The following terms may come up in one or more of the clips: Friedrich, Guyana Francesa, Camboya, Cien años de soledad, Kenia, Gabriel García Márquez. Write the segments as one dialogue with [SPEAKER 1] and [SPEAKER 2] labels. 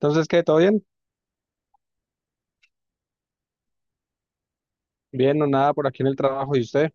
[SPEAKER 1] Entonces, ¿qué? ¿Todo bien? Bien no nada por aquí en el trabajo. ¿Y usted?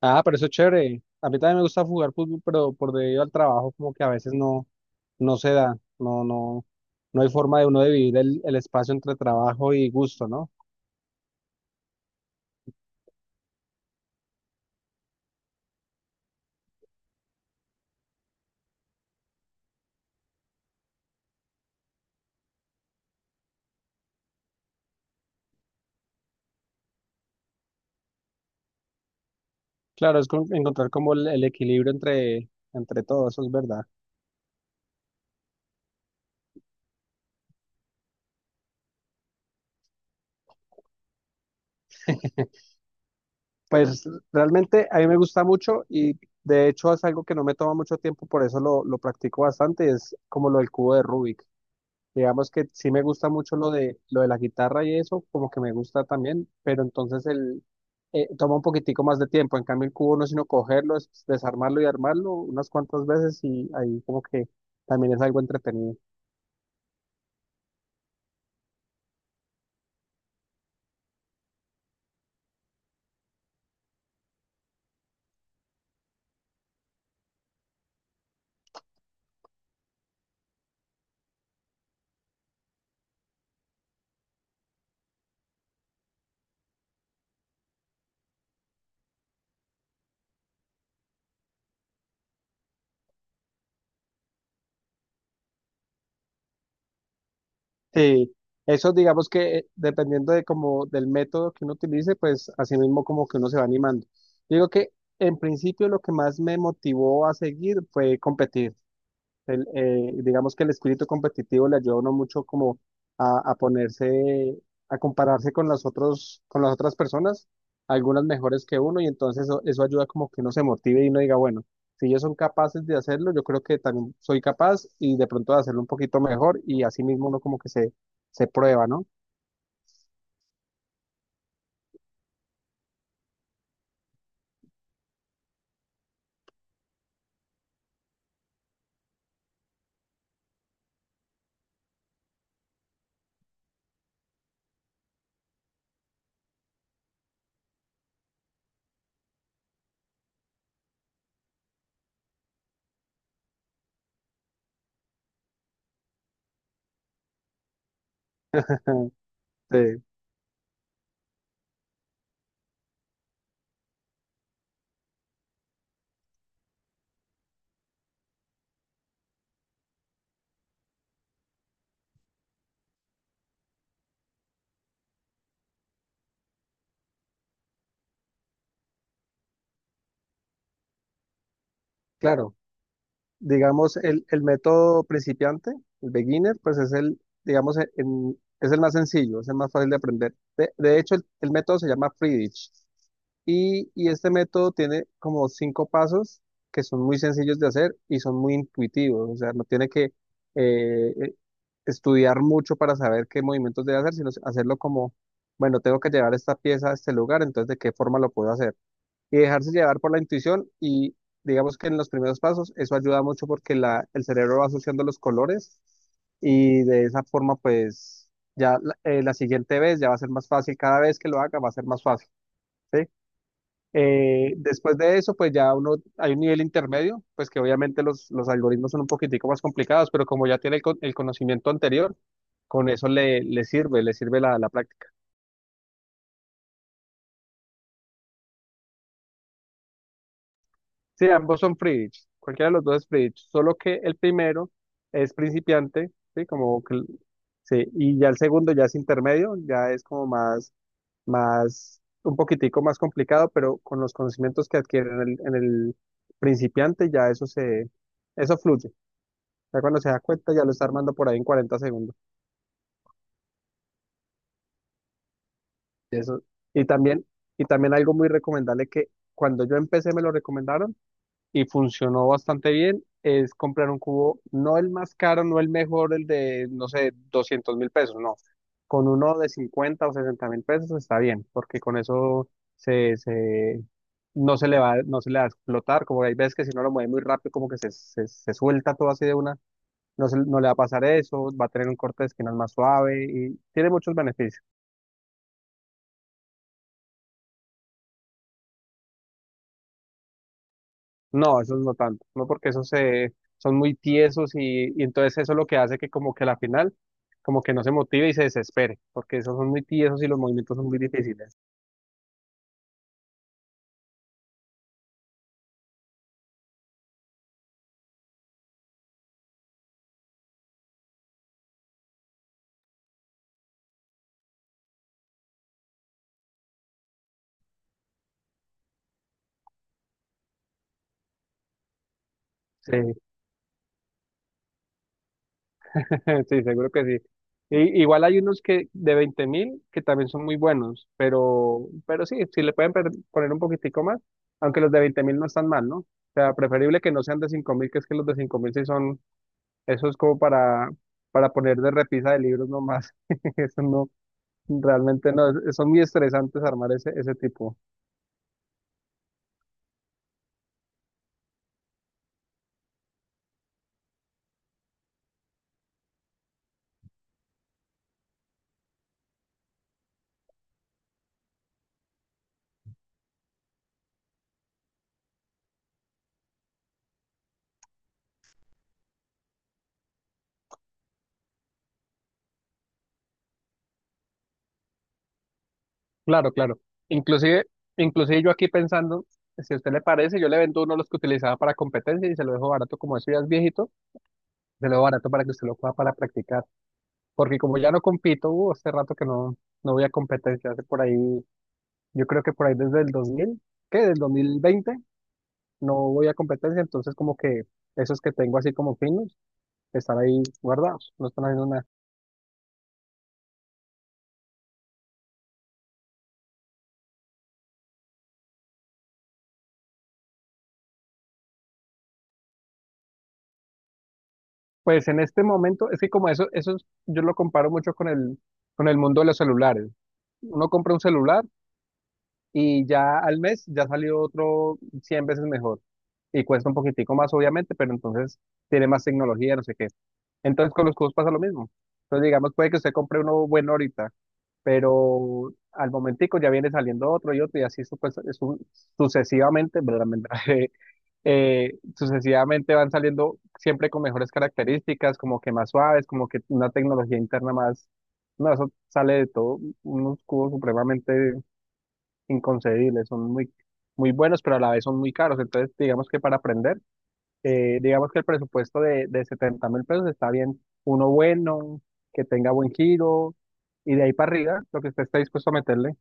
[SPEAKER 1] Ah, pero eso es chévere. A mí también me gusta jugar fútbol, pero por debido al trabajo, como que a veces no, no se da. No, no, no hay forma de uno dividir el espacio entre trabajo y gusto, ¿no? Claro, es encontrar como el equilibrio entre todo, eso es verdad. Pues realmente a mí me gusta mucho y de hecho es algo que no me toma mucho tiempo, por eso lo practico bastante, es como lo del cubo de Rubik. Digamos que sí me gusta mucho lo de la guitarra y eso, como que me gusta también, pero entonces el toma un poquitico más de tiempo. En cambio el cubo no es sino cogerlo, es desarmarlo y armarlo unas cuantas veces y ahí como que también es algo entretenido. Sí, eso digamos que dependiendo de como del método que uno utilice, pues así mismo como que uno se va animando. Digo que en principio lo que más me motivó a seguir fue competir. Digamos que el espíritu competitivo le ayuda a uno mucho como a ponerse, a compararse con las otras personas, algunas mejores que uno, y entonces eso ayuda como que uno se motive y uno diga, bueno, si ellos son capaces de hacerlo, yo creo que también soy capaz y de pronto de hacerlo un poquito mejor y así mismo uno como que se prueba, ¿no? Eh, claro. Digamos, el método principiante, el beginner, pues es el, digamos, es el más sencillo, es el más fácil de aprender. De hecho, el método se llama Friedrich y este método tiene como cinco pasos que son muy sencillos de hacer y son muy intuitivos, o sea, no tiene que eh, eh, estudiar mucho para saber qué movimientos debe hacer, sino hacerlo como, bueno, tengo que llevar esta pieza a este lugar, entonces, ¿de qué forma lo puedo hacer? Y dejarse llevar por la intuición y digamos que en los primeros pasos eso ayuda mucho porque el cerebro va asociando los colores y de esa forma pues ya la siguiente vez ya va a ser más fácil, cada vez que lo haga va a ser más fácil, ¿sí? Después de eso pues ya uno, hay un nivel intermedio, pues que obviamente los algoritmos son un poquitico más complicados, pero como ya tiene el conocimiento anterior, con eso le, le sirve la práctica. Sí, ambos son free ditch. Cualquiera de los dos es free ditch. Solo que el primero es principiante, ¿sí? Como que, sí, y ya el segundo ya es intermedio, ya es como más, más, un poquitico más complicado, pero con los conocimientos que adquiere en el principiante ya eso fluye. Ya cuando se da cuenta ya lo está armando por ahí en 40 segundos. Y eso, y también, y también algo muy recomendable que cuando yo empecé me lo recomendaron y funcionó bastante bien es comprar un cubo, no el más caro, no el mejor, el de, no sé, 200.000 pesos, no. Con uno de 50.000 o 60.000 pesos está bien, porque con eso se, no se le va a explotar, como hay veces que si no lo mueve muy rápido, como que se suelta todo así de una, no, no le va a pasar eso, va a tener un corte de esquinas más suave y tiene muchos beneficios. No, esos no tanto, no porque son muy tiesos y entonces eso es lo que hace que como que la final como que no se motive y se desespere, porque esos son muy tiesos y los movimientos son muy difíciles. Sí, sí, seguro que sí. Y, igual hay unos que de 20.000 que también son muy buenos, pero sí, si le pueden poner un poquitico más, aunque los de 20.000 no están mal, ¿no? O sea, preferible que no sean de 5.000, que es que los de 5.000 sí son, eso es como para poner de repisa de libros nomás. Eso no, realmente no, son muy estresantes armar ese, ese tipo. Claro, claro. Inclusive, inclusive yo aquí pensando, si a usted le parece, yo le vendo uno de los que utilizaba para competencia y se lo dejo barato, como eso ya es viejito, se lo dejo barato para que usted lo pueda para practicar. Porque como ya no compito, hace rato que no, no voy a competencia, hace por ahí, yo creo que por ahí desde el 2000, ¿qué? Del 2020 no voy a competencia, entonces como que esos que tengo así como finos están ahí guardados, no están haciendo nada. Pues en este momento, es que como eso, yo lo comparo mucho con con el mundo de los celulares. Uno compra un celular y ya al mes ya salió otro 100 veces mejor y cuesta un poquitico más, obviamente, pero entonces tiene más tecnología, no sé qué. Entonces con los cubos pasa lo mismo. Entonces digamos, puede que usted compre uno bueno ahorita, pero al momentico ya viene saliendo otro y otro y así pues, sucesivamente, sucesivamente van saliendo siempre con mejores características, como que más suaves, como que una tecnología interna más, no, eso sale de todo, unos cubos supremamente inconcebibles, son muy, muy buenos, pero a la vez son muy caros, entonces digamos que para aprender, digamos que el presupuesto de 70.000 pesos está bien, uno bueno, que tenga buen giro, y de ahí para arriba, lo que usted esté dispuesto a meterle.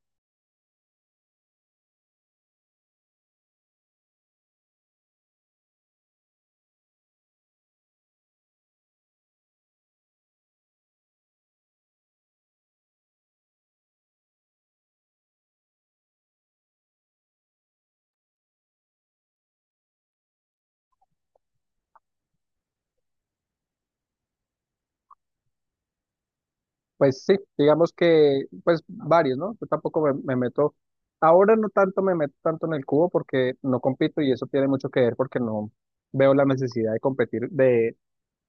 [SPEAKER 1] Pues sí, digamos que, pues varios, ¿no? Yo tampoco me meto, ahora no tanto me meto tanto en el cubo porque no compito y eso tiene mucho que ver porque no veo la necesidad de competir,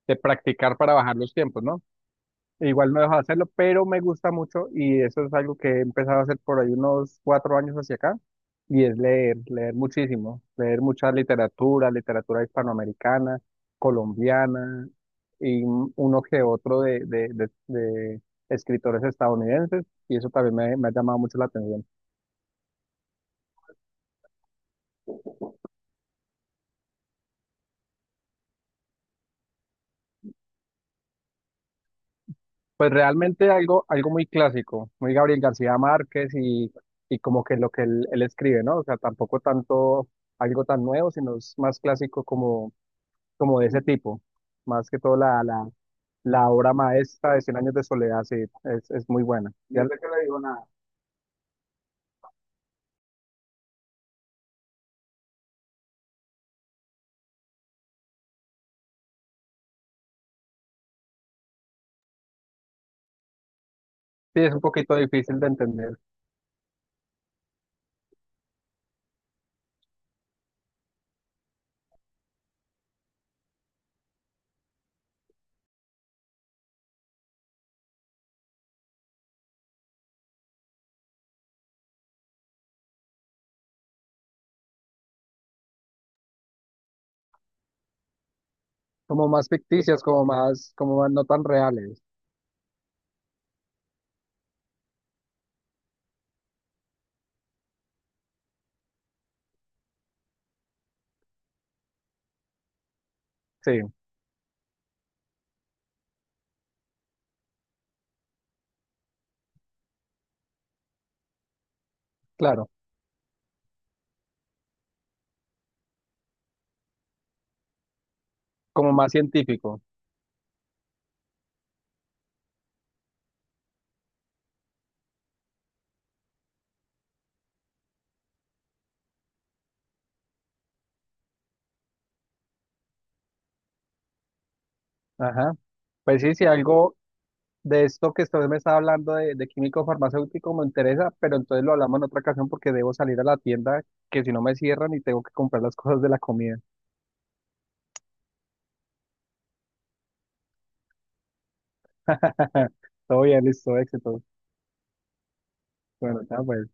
[SPEAKER 1] de practicar para bajar los tiempos, ¿no? E igual no dejo de hacerlo, pero me gusta mucho y eso es algo que he empezado a hacer por ahí unos 4 años hacia acá y es leer, leer muchísimo, leer mucha literatura, literatura hispanoamericana, colombiana y uno que otro de escritores estadounidenses y eso también me ha llamado mucho la atención. Pues realmente algo muy clásico, muy Gabriel García Márquez y como que lo que él escribe, ¿no? O sea, tampoco tanto algo tan nuevo, sino es más clásico como como de ese tipo. Más que todo la, la obra maestra de Cien años de soledad, sí, es muy buena. Ya, no sé qué le digo nada. Sí, es un poquito difícil de entender. Como más ficticias, como más no tan reales. Sí, claro, como más científico. Ajá. Pues sí, si algo de esto que usted me está hablando de químico farmacéutico me interesa, pero entonces lo hablamos en otra ocasión porque debo salir a la tienda, que si no me cierran y tengo que comprar las cosas de la comida. Todo bien, listo, éxito. Bueno, ya pues.